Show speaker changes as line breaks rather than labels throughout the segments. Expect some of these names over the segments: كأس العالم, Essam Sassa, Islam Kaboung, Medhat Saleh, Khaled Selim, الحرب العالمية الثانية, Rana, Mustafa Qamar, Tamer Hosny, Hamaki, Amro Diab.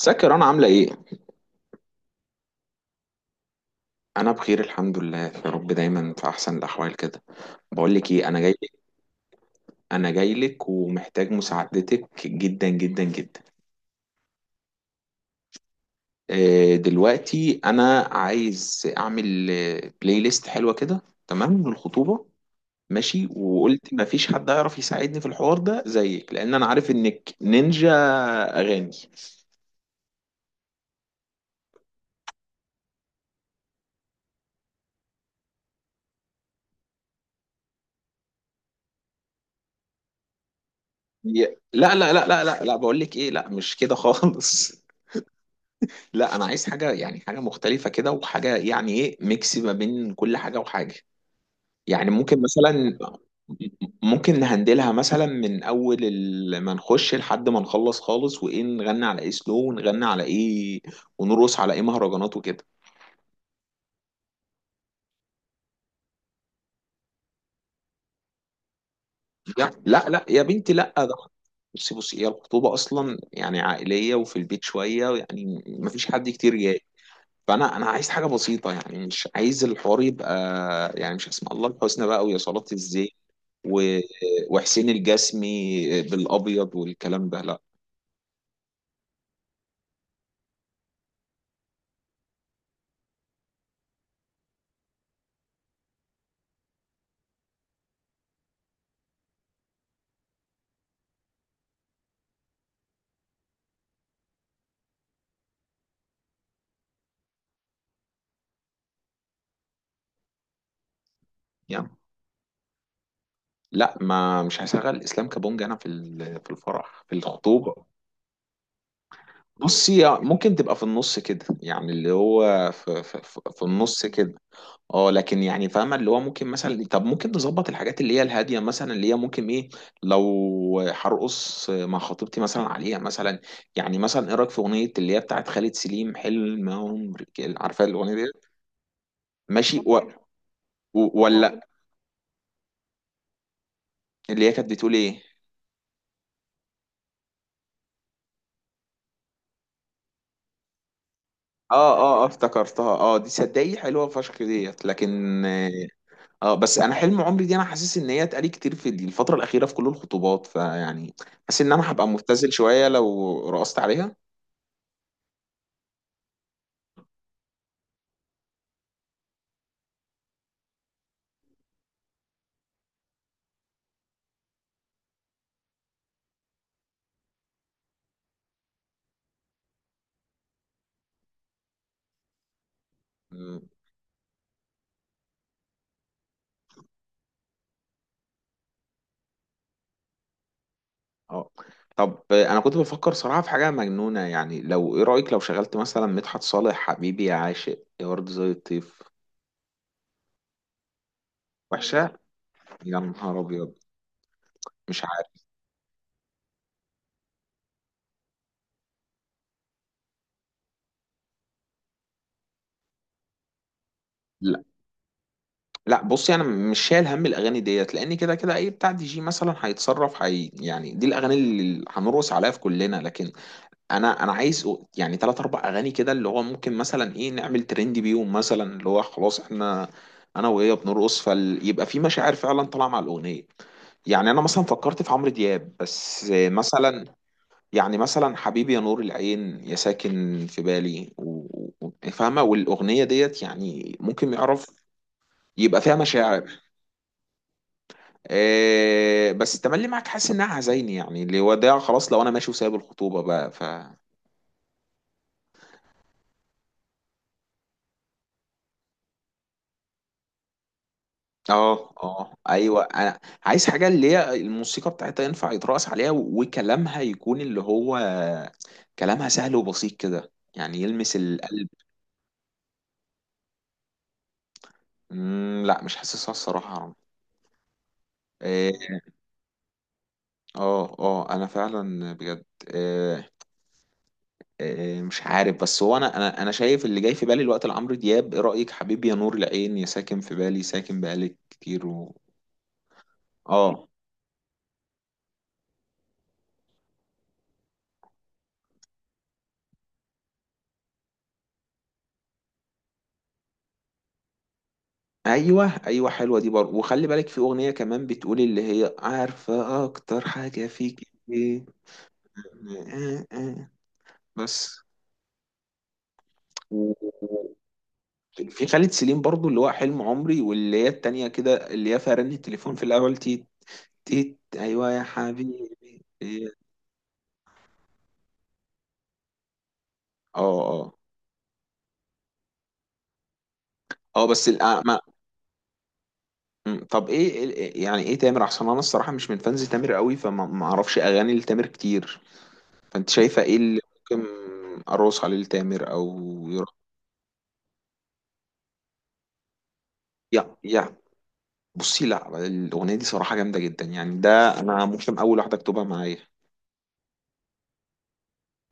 ازيك يا رنا، عاملة ايه؟ أنا بخير الحمد لله، يا رب دايما في أحسن الأحوال كده. بقول لك ايه، أنا جاي. أنا جاي لك ومحتاج مساعدتك جدا جدا جدا. دلوقتي أنا عايز أعمل بلاي ليست حلوة كده، تمام للخطوبة. ماشي، وقلت مفيش حد هيعرف يساعدني في الحوار ده زيك، لأن أنا عارف إنك نينجا أغاني. لا لا لا لا لا لا، بقول لك ايه، لا مش كده خالص. لا، انا عايز حاجه، يعني حاجه مختلفه كده، وحاجه يعني ايه، ميكس ما بين كل حاجه وحاجه. يعني ممكن مثلا، ممكن نهندلها مثلا من اول ما نخش لحد ما نخلص خالص، وايه، نغني على ايه سلو، ونغني على ايه، ونرقص على ايه مهرجانات وكده. لا لا لا يا بنتي لا، ده بصي بصي، هي الخطوبه اصلا يعني عائليه وفي البيت شويه، يعني ما فيش حد كتير جاي. فانا عايز حاجه بسيطه، يعني مش عايز الحوار يبقى، يعني مش اسمع الله الحسنى بقى ويا صلاه الزين و... وحسين الجسمي بالابيض والكلام ده، لا. يعني لا، ما مش هشغل اسلام كابونج انا في في الفرح، في الخطوبه. بصي ممكن تبقى في النص كده، يعني اللي هو في النص كده. اه، لكن يعني فاهمه اللي هو ممكن مثلا، طب ممكن نظبط الحاجات اللي هي الهاديه مثلا، اللي هي ممكن ايه لو هرقص مع خطيبتي مثلا عليها مثلا. يعني مثلا ايه رايك في اغنيه اللي هي بتاعت خالد سليم، حلم عمري؟ عارفه الاغنيه دي؟ ماشي، ولا اللي هي كانت بتقول ايه؟ اه اه اه افتكرتها، اه دي صدقي حلوه فشخ ديت، لكن اه بس انا حلم عمري دي، انا حاسس ان هي اتقالي كتير في الفتره الاخيره في كل الخطوبات، فيعني حاسس ان انا هبقى مبتذل شويه لو رقصت عليها. مم، اه، طب انا كنت بفكر صراحه في حاجه مجنونه، يعني لو ايه رايك لو شغلت مثلا مدحت صالح حبيبي يا عاشق يا ورد زي الطيف؟ وحشه، يا نهار ابيض. مش عارف. لا بصي، انا مش شايل هم الاغاني ديت، لان كده كده اي بتاع DJ مثلا هيتصرف، هي يعني دي الاغاني اللي هنرقص عليها في كلنا، لكن انا عايز يعني ثلاث اربع اغاني كده اللي هو ممكن مثلا ايه نعمل ترند بيهم، مثلا اللي هو خلاص احنا، انا وهي بنرقص، فيبقى في مشاعر فعلا طالعه مع الاغنيه. يعني انا مثلا فكرت في عمرو دياب بس، مثلا يعني مثلا حبيبي يا نور العين، يا ساكن في بالي فاهمه، والاغنيه ديت يعني ممكن يعرف يبقى فيها مشاعر. إيه، بس التملي معاك حاسس انها عزايني، يعني اللي وداع خلاص لو انا ماشي وسايب الخطوبه بقى. ف اه اه، ايوه، انا عايز حاجه اللي هي الموسيقى بتاعتها ينفع يترقص عليها، وكلامها يكون اللي هو كلامها سهل وبسيط كده، يعني يلمس القلب. لا مش حاسسها الصراحه يا رامي. إيه؟ اه اه، انا فعلا بجد، إيه؟ إيه، مش عارف، بس هو انا انا شايف اللي جاي في بالي الوقت لعمرو دياب، ايه رايك حبيبي يا نور العين، يا ساكن في بالي، ساكن بقالي كتير. اه، ايوه ايوه حلوه دي برضه، وخلي بالك في اغنيه كمان بتقول اللي هي عارفه اكتر حاجه فيك ايه. آه، آه. بس و- و- في خالد سليم برضه اللي هو حلم عمري، واللي هي التانية كده اللي هي فيها رن التليفون في الاول، تيت تيت، ايوه يا حبيبي. إيه. اه اه. اه بس ما، طب ايه يعني ايه، تامر احسن؟ انا الصراحه مش من فانز تامر قوي، فما ما اعرفش اغاني لتامر كتير، فانت شايفة ايه اللي ممكن اروس عليه التامر، او يرا، يا بصي، لا الاغنية دي صراحة جامدة جدا، يعني ده انا ممكن اول واحدة اكتبها معايا.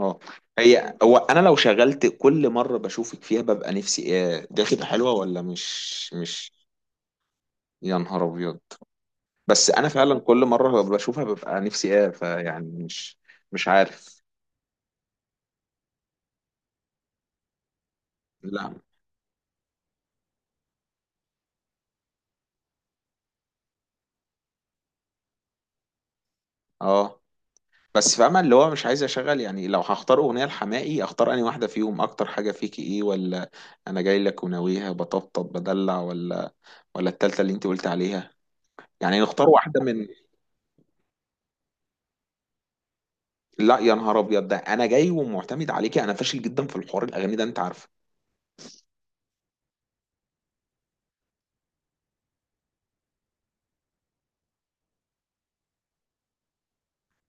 اه. هي هو انا لو شغلت كل مرة بشوفك فيها ببقى نفسي ايه، دي هتبقى حلوة ولا مش مش؟ يا نهار ابيض. بس انا فعلا كل مرة بشوفها ببقى نفسي ايه، فيعني مش، مش عارف. لا، اه، بس فاهمة اللي هو مش عايز اشغل، يعني لو هختار اغنية لحماقي اختار انهي واحدة فيهم، اكتر حاجة فيكي ايه، ولا انا جاي لك وناويها، بطبطب بدلع، ولا ولا التالتة اللي انت قلت عليها؟ يعني نختار واحدة من، لا يا نهار ابيض ده انا جاي ومعتمد عليكي، انا فاشل جدا في الحوار الاغاني ده انت عارفه.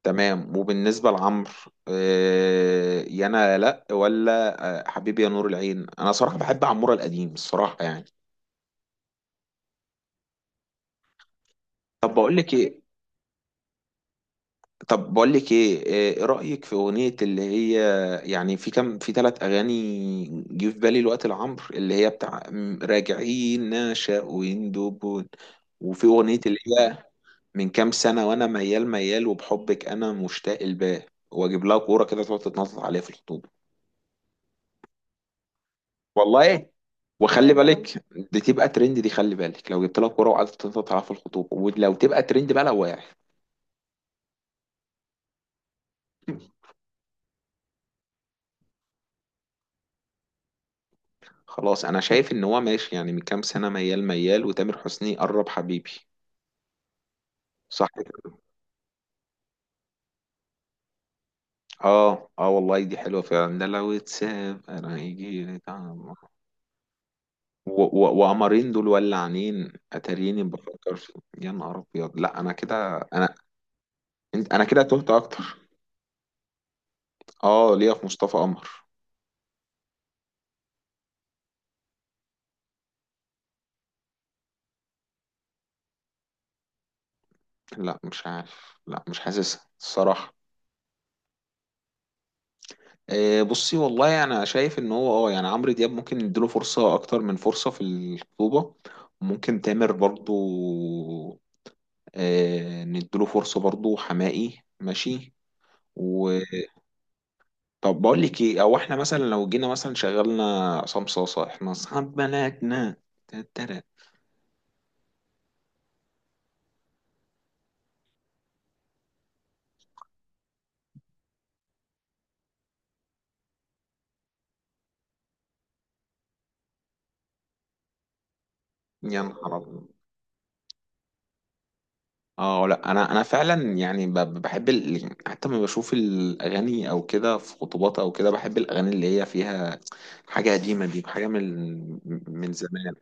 تمام، وبالنسبة لعمرو يا انا لا، ولا حبيبي يا نور العين، انا صراحة بحب عمورة القديم الصراحة يعني. طب بقول لك ايه، طب بقول لك ايه ايه رأيك في اغنية اللي هي، يعني في كام، في ثلاث اغاني جه في بالي الوقت لعمرو اللي هي بتاع راجعين نشأ ويندوبون، وفي اغنية اللي هي من كام سنة، وانا ميال ميال، وبحبك انا مشتاق، الباه واجيب لها كورة كده تقعد تتنطط عليها في الخطوبة. والله ايه، وخلي بالك دي تبقى ترند، دي خلي بالك لو جبت لها كورة وقعدت تتنطط عليها في الخطوبة، ولو تبقى ترند بقى لو واعي. خلاص، انا شايف ان هو ماشي يعني من كام سنه، ميال ميال، وتامر حسني قرب حبيبي. صح كده. اه اه، والله دي حلوه فعلا، ده لو اتساب انا هيجي لي طعم. وقمرين دول ولعانين، اتاريني بفكر في، يا نهار ابيض. لا انا كده، انا انا كده تهت اكتر. اه ليا في مصطفى قمر. لا مش عارف، لا مش حاسسها الصراحه. بصي والله يعني انا شايف ان هو اه يعني عمرو دياب ممكن نديله فرصه اكتر من فرصه في الخطوبه، ممكن تامر برضو نديله فرصه برضو، حماقي ماشي. و طب بقول لك ايه، او احنا مثلا لو جينا مثلا شغلنا عصام صاصه، احنا اصحاب بلدنا، تترى، يا نهار أبيض. اه، لا انا فعلا يعني بحب حتى لما بشوف الاغاني او كده في خطوبات او كده بحب الاغاني اللي هي فيها حاجه قديمه، دي حاجه من من زمان.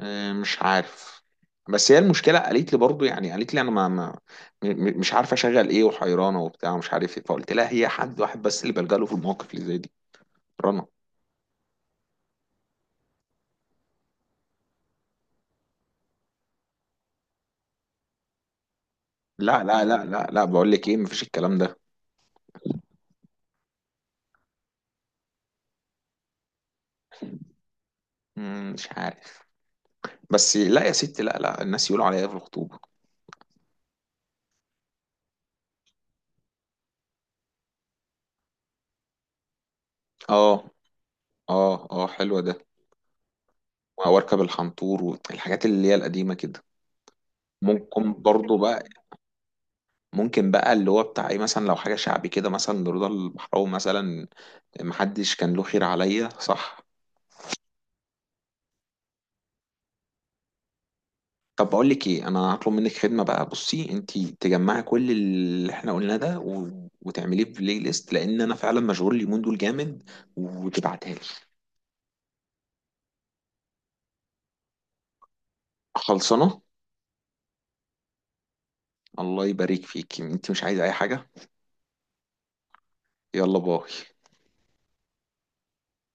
مش عارف، بس هي المشكله قالت لي برضو، يعني قالت لي انا ما م- م- مش عارفه اشغل ايه وحيرانه وبتاع ومش عارف ايه، فقلت لها هي حد واحد بس اللي بلجأ له في المواقف اللي زي دي، رنا. لا لا لا لا لا، بقول لك ايه، مفيش الكلام ده. مش عارف، بس لا يا ستي، لا لا الناس يقولوا عليا إيه في الخطوبه. اه اه اه حلوه ده، واركب الحنطور والحاجات اللي هي القديمه كده. ممكن برضو بقى، ممكن بقى اللي هو بتاع ايه مثلا لو حاجه شعبي كده مثلا لرضا البحراوي مثلا، محدش كان له خير عليا، صح؟ طب بقول لك ايه، انا هطلب منك خدمه بقى، بصي انت تجمعي كل اللي احنا قلناه ده وتعمليه في بلاي ليست، لان انا فعلا مشغول اليومين دول جامد، وتبعتها لي. خلصانه. الله يبارك فيك، انت مش عايزه اي حاجه؟ يلا باي.